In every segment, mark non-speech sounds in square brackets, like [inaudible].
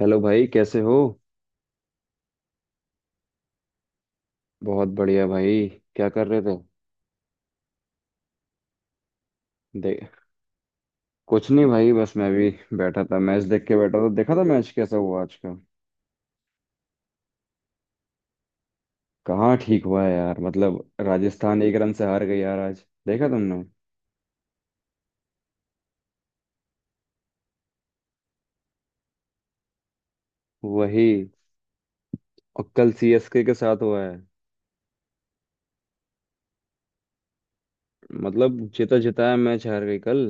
Hello भाई, कैसे हो। बहुत बढ़िया भाई। क्या कर रहे थे। दे, कुछ नहीं भाई, बस मैं भी बैठा था। मैच देख के बैठा था, देखा था मैच। कैसा हुआ आज का। कहाँ ठीक हुआ है यार, मतलब राजस्थान 1 रन से हार गई यार, आज देखा तुमने। वही। और कल सीएसके के साथ हुआ है, मतलब जीता जिताया मैच हार गई कल।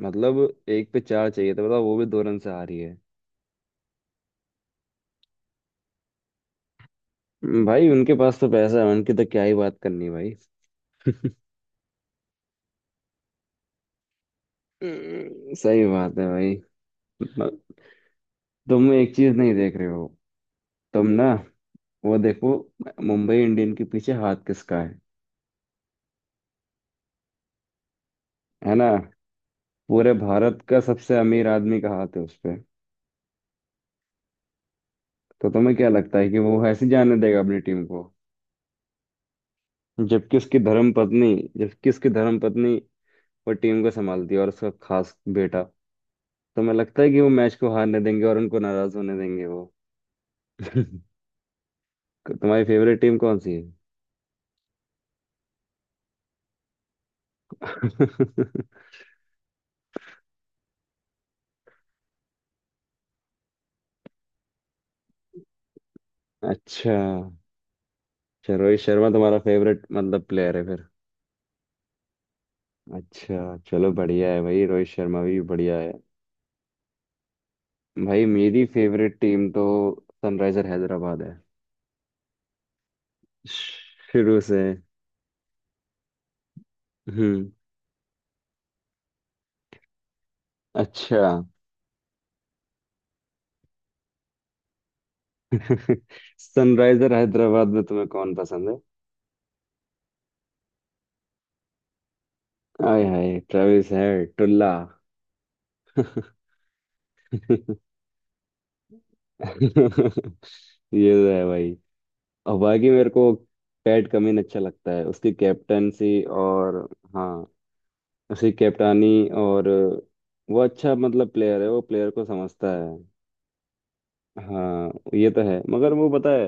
मतलब एक पे चार चाहिए था, बताओ वो भी 2 रन से हारी है। भाई उनके पास तो पैसा है, उनकी तो क्या ही बात करनी भाई। [laughs] सही बात है भाई। तुम एक चीज नहीं देख रहे हो, तुम ना, वो देखो। मुंबई इंडियन के पीछे हाथ किसका है। है ना। पूरे भारत का सबसे अमीर आदमी का हाथ है उस पे। तो तुम्हें क्या लगता है कि वो ऐसे जाने देगा अपनी टीम को। जबकि उसकी धर्म पत्नी वो टीम को संभालती है और उसका खास बेटा। तुम्हें लगता है कि वो मैच को हारने देंगे और उनको नाराज होने देंगे वो। [laughs] तुम्हारी फेवरेट टीम कौन सी है। [laughs] अच्छा, चलो रोहित शर्मा तुम्हारा फेवरेट मतलब प्लेयर है। अच्छा चलो, बढ़िया है भाई, रोहित शर्मा भी बढ़िया है। भाई मेरी फेवरेट टीम तो सनराइजर हैदराबाद है, शुरू से। हम्म। अच्छा। [laughs] सनराइजर हैदराबाद में तुम्हें कौन पसंद है। आय हाय ट्रेविस हेड टुल्ला। [laughs] ये तो है भाई। और बाकी मेरे को पैट कमिन अच्छा लगता है, उसकी कैप्टनसी। और हाँ, उसकी कैप्टानी। और वो अच्छा मतलब प्लेयर है, वो प्लेयर को समझता है। हाँ, ये तो है मगर वो पता है,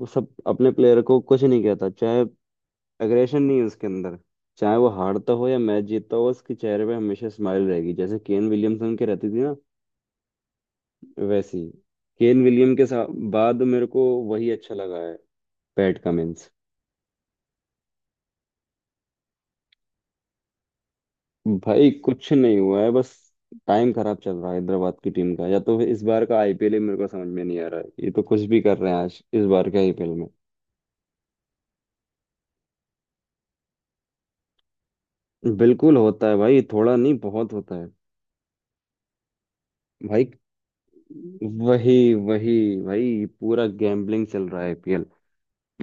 वो सब अपने प्लेयर को कुछ नहीं कहता, चाहे एग्रेशन नहीं है उसके अंदर, चाहे वो हारता हो या मैच जीतता हो, उसके चेहरे पे हमेशा स्माइल रहेगी जैसे केन विलियमसन की रहती थी ना। वैसी। केन विलियम के साथ बाद मेरे को वही अच्छा लगा है, पैट कमिंस। भाई कुछ नहीं हुआ है, बस टाइम खराब चल रहा है हैदराबाद की टीम का, या तो फिर इस बार का आईपीएल ही मेरे को समझ में नहीं आ रहा है, ये तो कुछ भी कर रहे हैं आज इस बार के आईपीएल में। बिल्कुल होता है भाई, थोड़ा नहीं बहुत होता है भाई। वही वही। भाई पूरा गैम्बलिंग चल रहा है आईपीएल।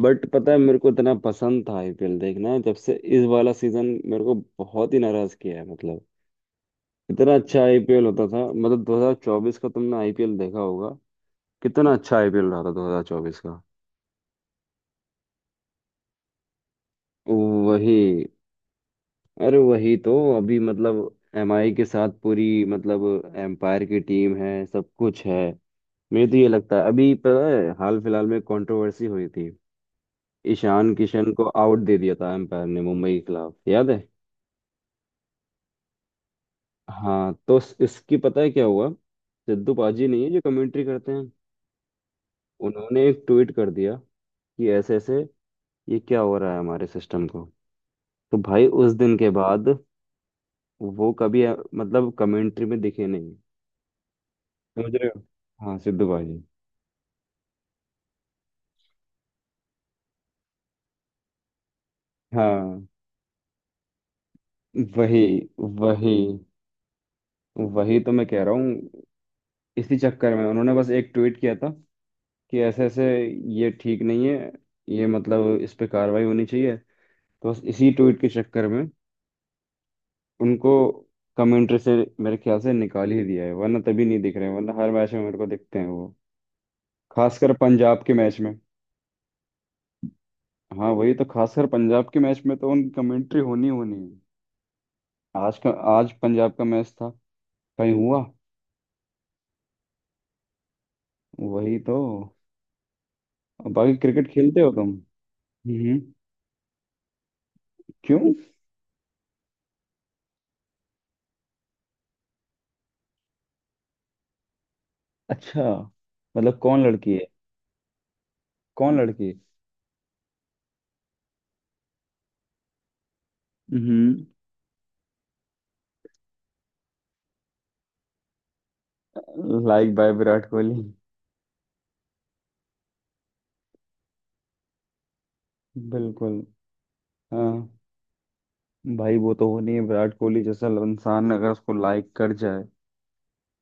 बट पता है मेरे को इतना पसंद था आईपीएल देखना, जब से इस वाला सीजन मेरे को बहुत ही नाराज किया है, मतलब इतना अच्छा आईपीएल होता था, मतलब 2024 का तुमने आईपीएल देखा होगा, कितना अच्छा आईपीएल रहा था 2024 का। वही। अरे वही तो अभी मतलब एमआई के साथ पूरी, मतलब एम्पायर की टीम है, सब कुछ है। मुझे तो ये लगता है, अभी पता है हाल फिलहाल में कंट्रोवर्सी हुई थी, ईशान किशन को आउट दे दिया था एम्पायर ने मुंबई के खिलाफ, याद है। हाँ तो इसकी पता है क्या हुआ, सिद्धू पाजी नहीं है जो कमेंट्री करते हैं, उन्होंने एक ट्वीट कर दिया कि ऐसे ऐसे ये क्या हो रहा है हमारे सिस्टम को। तो भाई उस दिन के बाद वो कभी मतलब कमेंट्री में दिखे नहीं, समझ रहे हो। हाँ सिद्धू पाजी। हाँ। वही वही। वही तो मैं कह रहा हूँ, इसी चक्कर में उन्होंने बस एक ट्वीट किया था कि ऐसे ऐसे ये ठीक नहीं है, ये मतलब इस पे कार्रवाई होनी चाहिए। तो बस इसी ट्वीट के चक्कर में उनको कमेंट्री से मेरे ख्याल से निकाल ही दिया है, वरना तभी नहीं दिख रहे हैं, वरना हर मैच में मेरे को दिखते हैं वो, खासकर पंजाब के मैच में। हाँ वही तो, खासकर पंजाब के मैच में तो उनकी कमेंट्री होनी होनी है। आज का, आज पंजाब का मैच था कहीं हुआ। वही तो। बाकी क्रिकेट खेलते हो तुम। हम्म। क्यों। अच्छा, मतलब कौन लड़की है। कौन लड़की है? हम्म। Like by Virat Kohli. बिल्कुल, हाँ भाई। वो तो हो नहीं है, विराट कोहली जैसा इंसान अगर उसको लाइक कर जाए,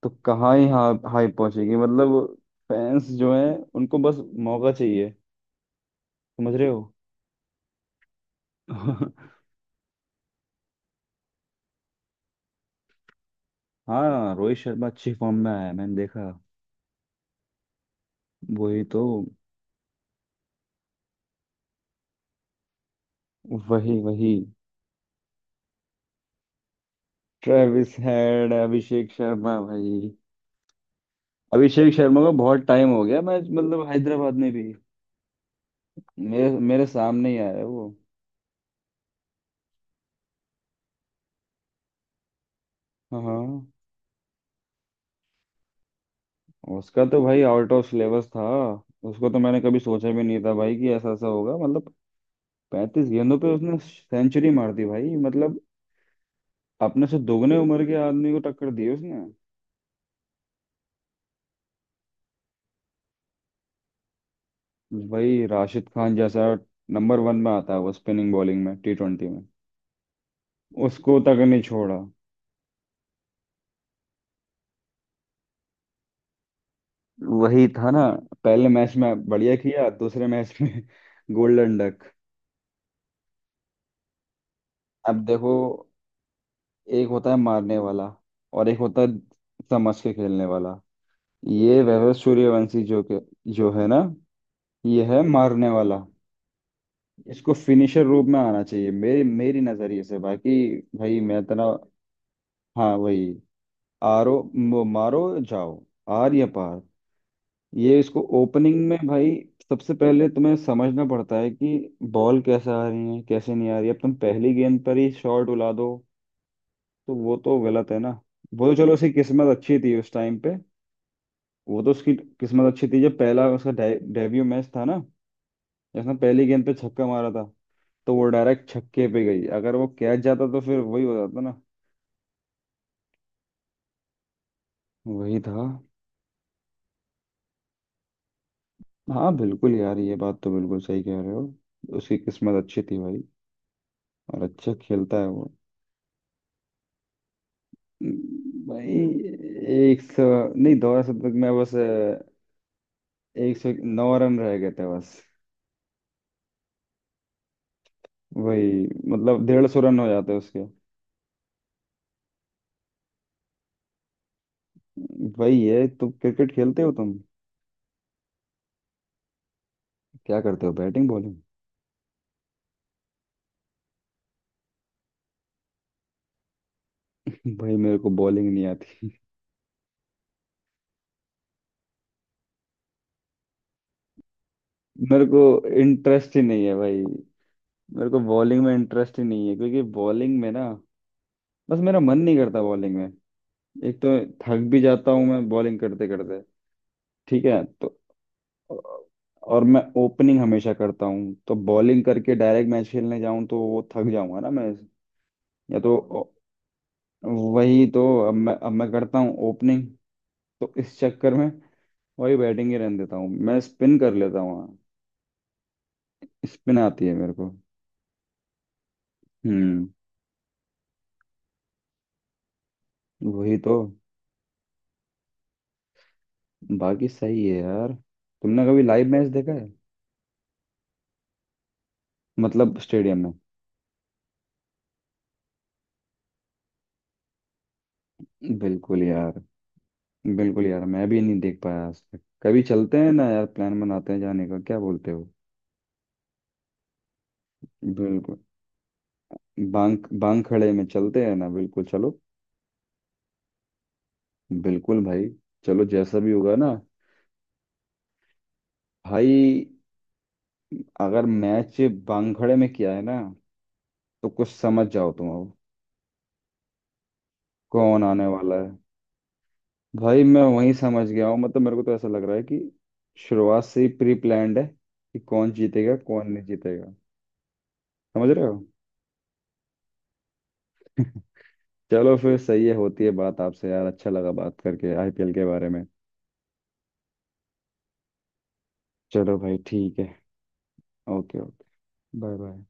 तो कहाँ ही हाई पहुंचेगी मतलब। फैंस जो है उनको बस मौका चाहिए, समझ रहे हो। [laughs] हाँ रोहित शर्मा अच्छी फॉर्म में आया है, मैंने देखा। वही तो। वही वही। ट्रेविस हेड अभिषेक शर्मा भाई। अभिषेक शर्मा को बहुत टाइम हो गया मैच मतलब हैदराबाद में भी। मेरे मेरे सामने ही आया है वो। हाँ, उसका तो भाई आउट ऑफ सिलेबस था, उसको तो मैंने कभी सोचा भी नहीं था भाई कि ऐसा ऐसा होगा, मतलब 35 गेंदों पे उसने सेंचुरी मार दी भाई, मतलब अपने से दोगुने उम्र के आदमी को टक्कर दी उसने। भाई राशिद खान जैसा नंबर वन में आता है वो स्पिनिंग बॉलिंग में T20 में, उसको तक नहीं छोड़ा। वही था ना, पहले मैच में बढ़िया किया, दूसरे मैच में [laughs] गोल्डन डक। अब देखो, एक होता है मारने वाला, और एक होता है समझ के खेलने वाला। ये वैभव सूर्यवंशी जो के जो है ना, ये है मारने वाला, इसको फिनिशर रूप में आना चाहिए मेरी मेरी नजरिए से। बाकी भाई मैं इतना। हाँ वही। मारो, जाओ, आर या पार। ये इसको ओपनिंग में भाई, सबसे पहले तुम्हें समझना पड़ता है कि बॉल कैसे आ रही है कैसे नहीं आ रही है, अब तुम पहली गेंद पर ही शॉट उला दो तो वो तो गलत है ना। वो तो चलो उसकी किस्मत अच्छी थी उस टाइम पे, वो तो उसकी किस्मत अच्छी थी जब पहला उसका डेब्यू मैच था ना, जिसने पहली गेंद पे छक्का मारा था, तो वो डायरेक्ट छक्के पे गई, अगर वो कैच जाता तो फिर वही हो जाता ना। वही था। हाँ बिल्कुल यार, ये बात तो बिल्कुल सही कह रहे हो। उसकी किस्मत अच्छी थी भाई। और अच्छा खेलता है वो भाई। 100 नहीं, 200 तक में बस 109 रन रह गए थे बस। वही, मतलब 150 रन हो जाते उसके। वही है। तुम क्रिकेट खेलते हो तुम। क्या करते हो, बैटिंग बॉलिंग। भाई मेरे को बॉलिंग नहीं आती, मेरे को इंटरेस्ट ही नहीं है भाई, मेरे को बॉलिंग में इंटरेस्ट ही नहीं है, क्योंकि बॉलिंग में ना बस मेरा मन नहीं करता बॉलिंग में। एक तो थक भी जाता हूँ मैं बॉलिंग करते करते। ठीक है तो, और मैं ओपनिंग हमेशा करता हूँ, तो बॉलिंग करके डायरेक्ट मैच खेलने जाऊँ तो वो थक जाऊंगा ना मैं। या तो वही तो, अब मैं करता हूँ ओपनिंग, तो इस चक्कर में वही बैटिंग ही रहने देता हूँ, मैं स्पिन कर लेता हूँ, हाँ स्पिन आती है मेरे को। हम्म। वही तो। बाकी सही है यार। तुमने कभी लाइव मैच देखा है। मतलब स्टेडियम में। बिल्कुल यार। बिल्कुल यार, मैं भी नहीं देख पाया आज तक, कभी चलते हैं ना यार, प्लान बनाते हैं जाने का, क्या बोलते हो। बिल्कुल, बांग बांग खड़े में चलते हैं ना, बिल्कुल चलो। बिल्कुल भाई, चलो जैसा भी होगा ना। भाई अगर मैच बांखड़े में किया है ना, तो कुछ समझ जाओ तुम अब कौन आने वाला है। भाई मैं वही समझ गया हूँ, मतलब मेरे को तो ऐसा लग रहा है कि शुरुआत से ही प्री प्लान्ड है कि कौन जीतेगा कौन नहीं जीतेगा, समझ रहे हो। [laughs] चलो फिर सही है, होती है बात आपसे यार, अच्छा लगा बात करके आईपीएल के बारे में। चलो भाई, ठीक है। Okay okay. Bye bye.